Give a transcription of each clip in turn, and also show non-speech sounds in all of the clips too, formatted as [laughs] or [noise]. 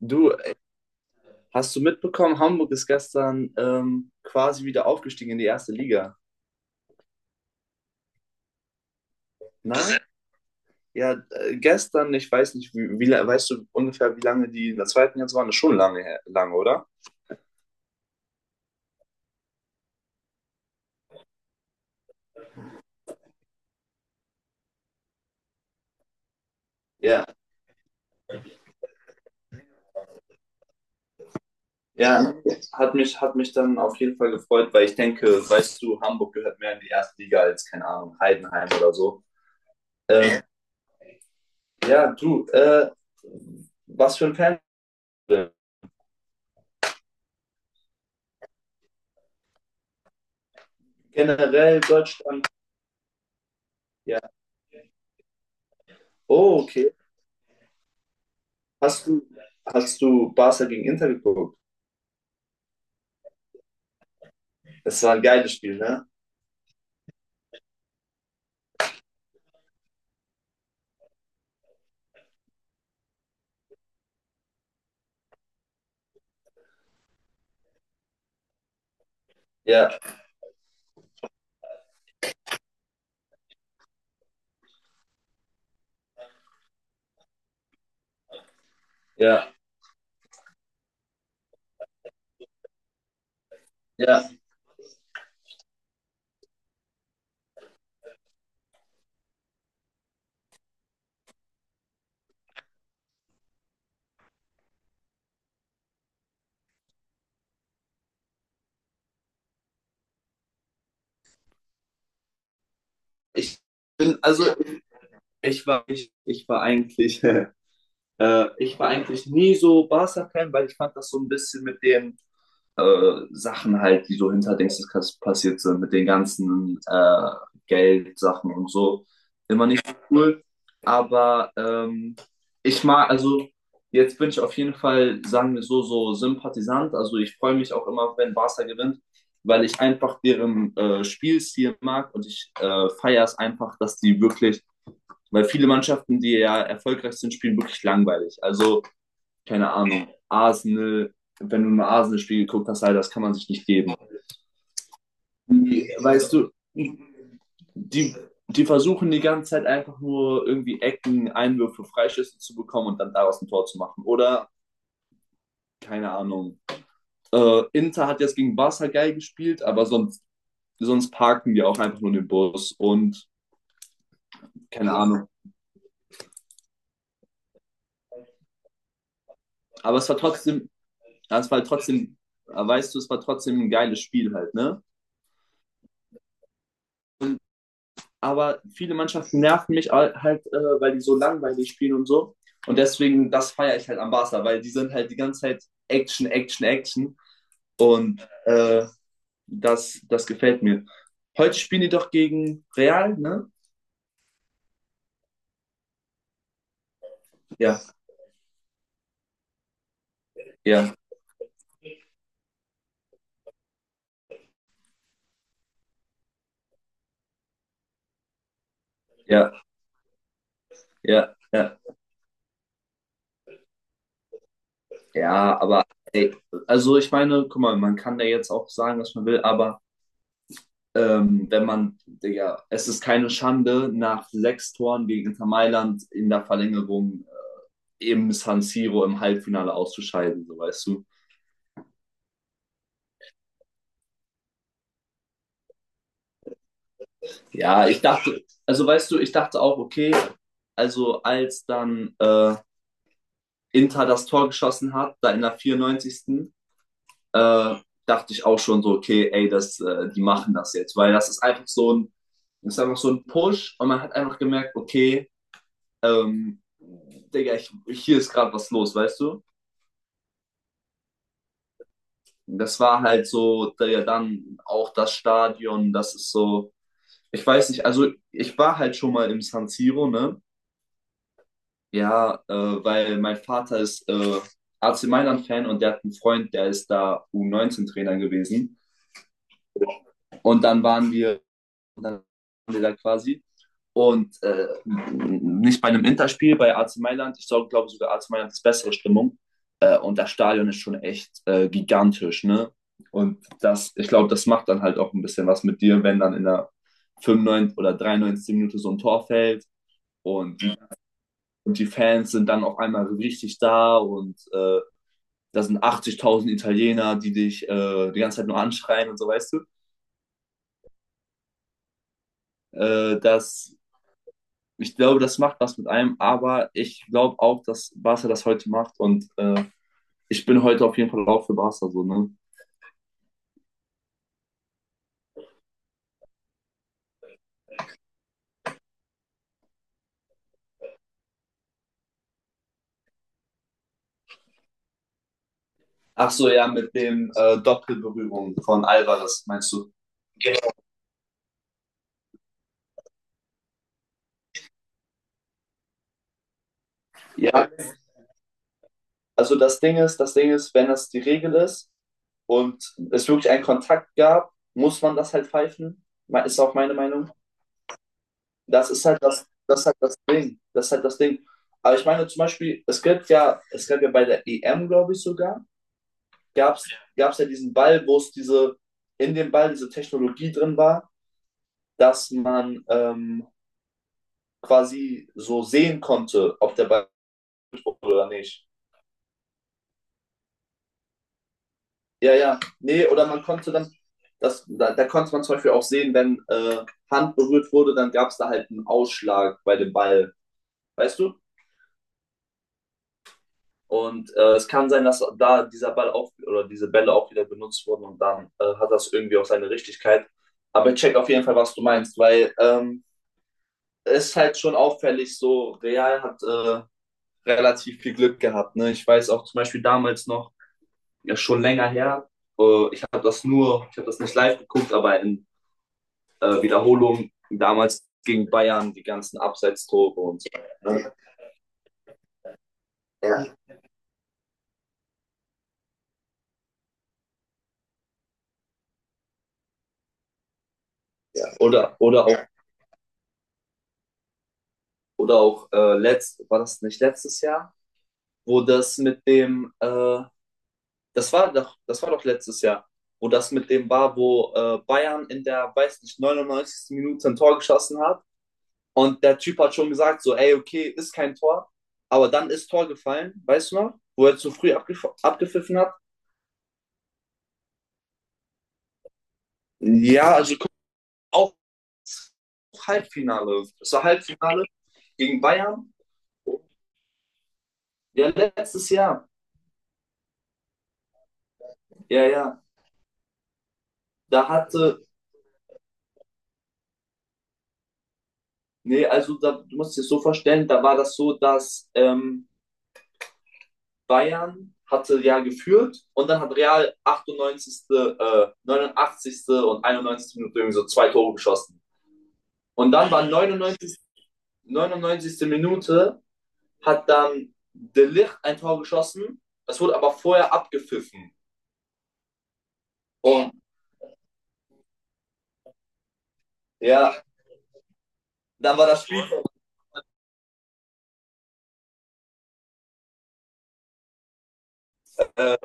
Du, hast du mitbekommen, Hamburg ist gestern quasi wieder aufgestiegen in die erste Liga. Nein? Ja, gestern, ich weiß nicht, wie, weißt du ungefähr, wie lange die in der zweiten jetzt waren? Das ist schon lange, lange, oder? Ja, ja, hat mich dann auf jeden Fall gefreut, weil ich denke, weißt du, Hamburg gehört mehr in die erste Liga als, keine Ahnung, Heidenheim oder so. Ähm, ja, du, was für ein Fan. Generell Deutschland, ja. Oh, okay. Hast du, hast du Barca gegen Inter geguckt? Es war ein geiles Spiel, ne? Ja, ja, ja. Ich bin, also, ich war, ich war eigentlich, [laughs] ich war eigentlich nie so Barca-Fan, weil ich fand das so ein bisschen mit dem Sachen halt, die so hinter Dingsdas passiert sind, mit den ganzen Geldsachen und so. Immer nicht so cool. Aber ich mag, also jetzt bin ich auf jeden Fall, sagen wir so, so Sympathisant. Also ich freue mich auch immer, wenn Barca gewinnt, weil ich einfach deren Spielstil mag und ich feiere es einfach, dass die wirklich, weil viele Mannschaften, die ja erfolgreich sind, spielen wirklich langweilig. Also keine Ahnung, Arsenal, wenn du mal Arsenal-Spiel geguckt hast, Alter, das kann man sich nicht geben. Die, weißt du, die versuchen die ganze Zeit einfach nur irgendwie Ecken, Einwürfe, Freischüsse zu bekommen und dann daraus ein Tor zu machen. Oder, keine Ahnung. Inter hat jetzt gegen Barca geil gespielt, aber sonst, sonst parken die auch einfach nur den Bus und keine Ahnung. Aber es war trotzdem, weißt du, es war trotzdem ein geiles Spiel halt, ne? Aber viele Mannschaften nerven mich halt, weil die so langweilig spielen und so. Und deswegen, das feiere ich halt am Barca, weil die sind halt die ganze Zeit Action, Action, Action. Und das gefällt mir. Heute spielen die doch gegen Real, ne? Ja, ja, ja, ja, ja. Ja, aber ey, also ich meine, guck mal, man kann da jetzt auch sagen, was man will, aber wenn man, Digga, es ist keine Schande, nach sechs Toren gegen Inter Mailand in der Verlängerung im San Siro im Halbfinale auszuscheiden, so weißt du. Ja, ich dachte, also weißt du, ich dachte auch, okay, also als dann Inter das Tor geschossen hat, da in der 94. Äh, dachte ich auch schon so, okay, ey, das, die machen das jetzt, weil das ist einfach so ein Push und man hat einfach gemerkt, okay, Digga, hier ist gerade was los, weißt du? Das war halt so, Digga, dann auch das Stadion, das ist so. Ich weiß nicht, also ich war halt schon mal im San Siro, ne? Ja, weil mein Vater ist AC Mailand-Fan und der hat einen Freund, der ist da U19-Trainer gewesen. Und dann waren wir da quasi. Und nicht bei einem Interspiel, bei AC Mailand. Ich glaube sogar, AC Mailand ist bessere Stimmung. Und das Stadion ist schon echt gigantisch, ne? Und das, ich glaube, das macht dann halt auch ein bisschen was mit dir, wenn dann in der 95 oder 93. Minute so ein Tor fällt. Und, und die Fans sind dann auf einmal so richtig da und da sind 80.000 Italiener, die dich die ganze Zeit nur anschreien und so, weißt du. Das, ich glaube, das macht was mit einem, aber ich glaube auch, dass Barca das heute macht und ich bin heute auf jeden Fall auch für Barca so, ne? Ach so, ja, mit dem Doppelberührung von Alvarez, meinst du? Ja, also das Ding ist, wenn das die Regel ist und es wirklich einen Kontakt gab, muss man das halt pfeifen. Ist auch meine Meinung. Das ist halt das Ding. Das ist halt das Ding. Aber ich meine zum Beispiel, es gibt ja, es gab ja bei der EM, glaube ich sogar, gab es gab's gab's ja diesen Ball, wo es diese, in dem Ball diese Technologie drin war, dass man quasi so sehen konnte, ob der Ball durch wurde oder nicht. Ja, ja. Nee, oder man konnte dann, da konnte man zum Beispiel auch sehen, wenn Hand berührt wurde, dann gab es da halt einen Ausschlag bei dem Ball, weißt du? Und es kann sein, dass da dieser Ball auch oder diese Bälle auch wieder benutzt wurden und dann hat das irgendwie auch seine Richtigkeit. Aber ich check auf jeden Fall, was du meinst, weil es ist halt schon auffällig, so Real hat relativ viel Glück gehabt. Ne? Ich weiß auch zum Beispiel damals noch, ja schon länger her, ich habe das nur, ich habe das nicht live geguckt, aber in Wiederholung damals gegen Bayern, die ganzen Abseitstore und so. Ne? Ja. Oder, oder auch, oder auch, war das nicht letztes Jahr, wo das war doch letztes Jahr, wo das mit dem war, wo Bayern in der, weiß nicht, 99. Minute ein Tor geschossen hat und der Typ hat schon gesagt, so, ey, okay, ist kein Tor, aber dann ist Tor gefallen, weißt du noch, wo er zu früh abgef abgepfiffen hat. Ja, also auch Halbfinale. Das war Halbfinale gegen Bayern. Ja, letztes Jahr. Ja, ja. Da hatte, nee, also da, du musst dir das so vorstellen, da war das so, dass Bayern hatte ja geführt und dann hat Real 98., 89. und 91. Minute irgendwie so zwei Tore geschossen. Und dann war 99. Minute hat dann De Ligt ein Tor geschossen. Das wurde aber vorher abgepfiffen. Und ja, dann war das Spiel. Äh,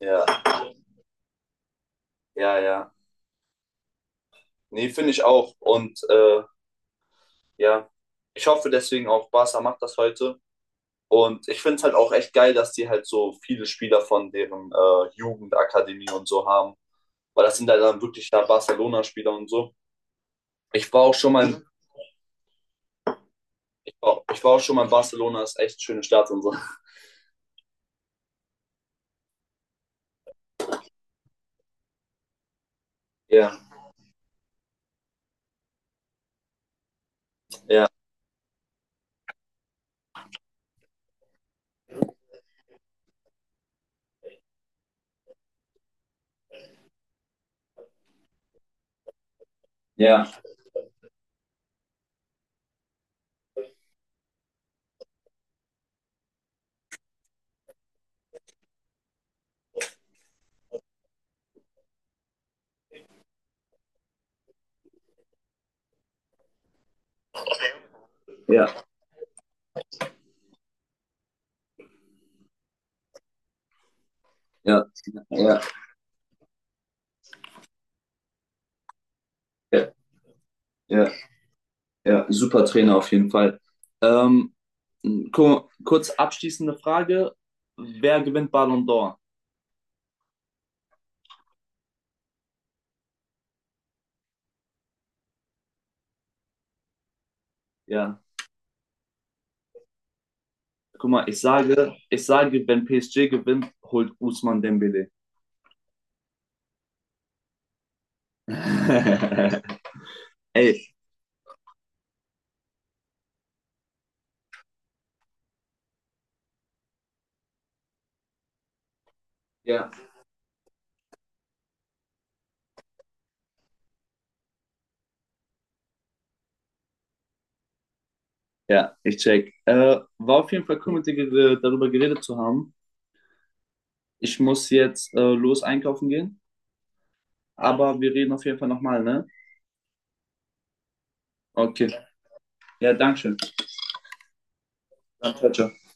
ja. Ja, ja. Nee, finde ich auch. Und ja, ich hoffe deswegen auch, Barca macht das heute. Und ich finde es halt auch echt geil, dass die halt so viele Spieler von deren Jugendakademie und so haben. Weil das sind halt dann wirklich da Barcelona-Spieler und so. Ich war auch schon mal, in- ich war auch schon mal in Barcelona, ist echt schöne Stadt und so. Ja, ja, ja, ja, ja, ja, ja, ja, ja, super Trainer auf jeden Fall. Ähm, kurz abschließende Frage: Wer gewinnt Ballon d'Or? Ja. Guck mal, ich sage, wenn PSG gewinnt, holt Ousmane Dembélé. [laughs] Ey, Ja. Ja, ich check. War auf jeden Fall cool, mit dir darüber geredet zu haben. Ich muss jetzt los einkaufen gehen, aber wir reden auf jeden Fall nochmal, ne? Okay. Ja, danke schön. Dann, ciao, ciao.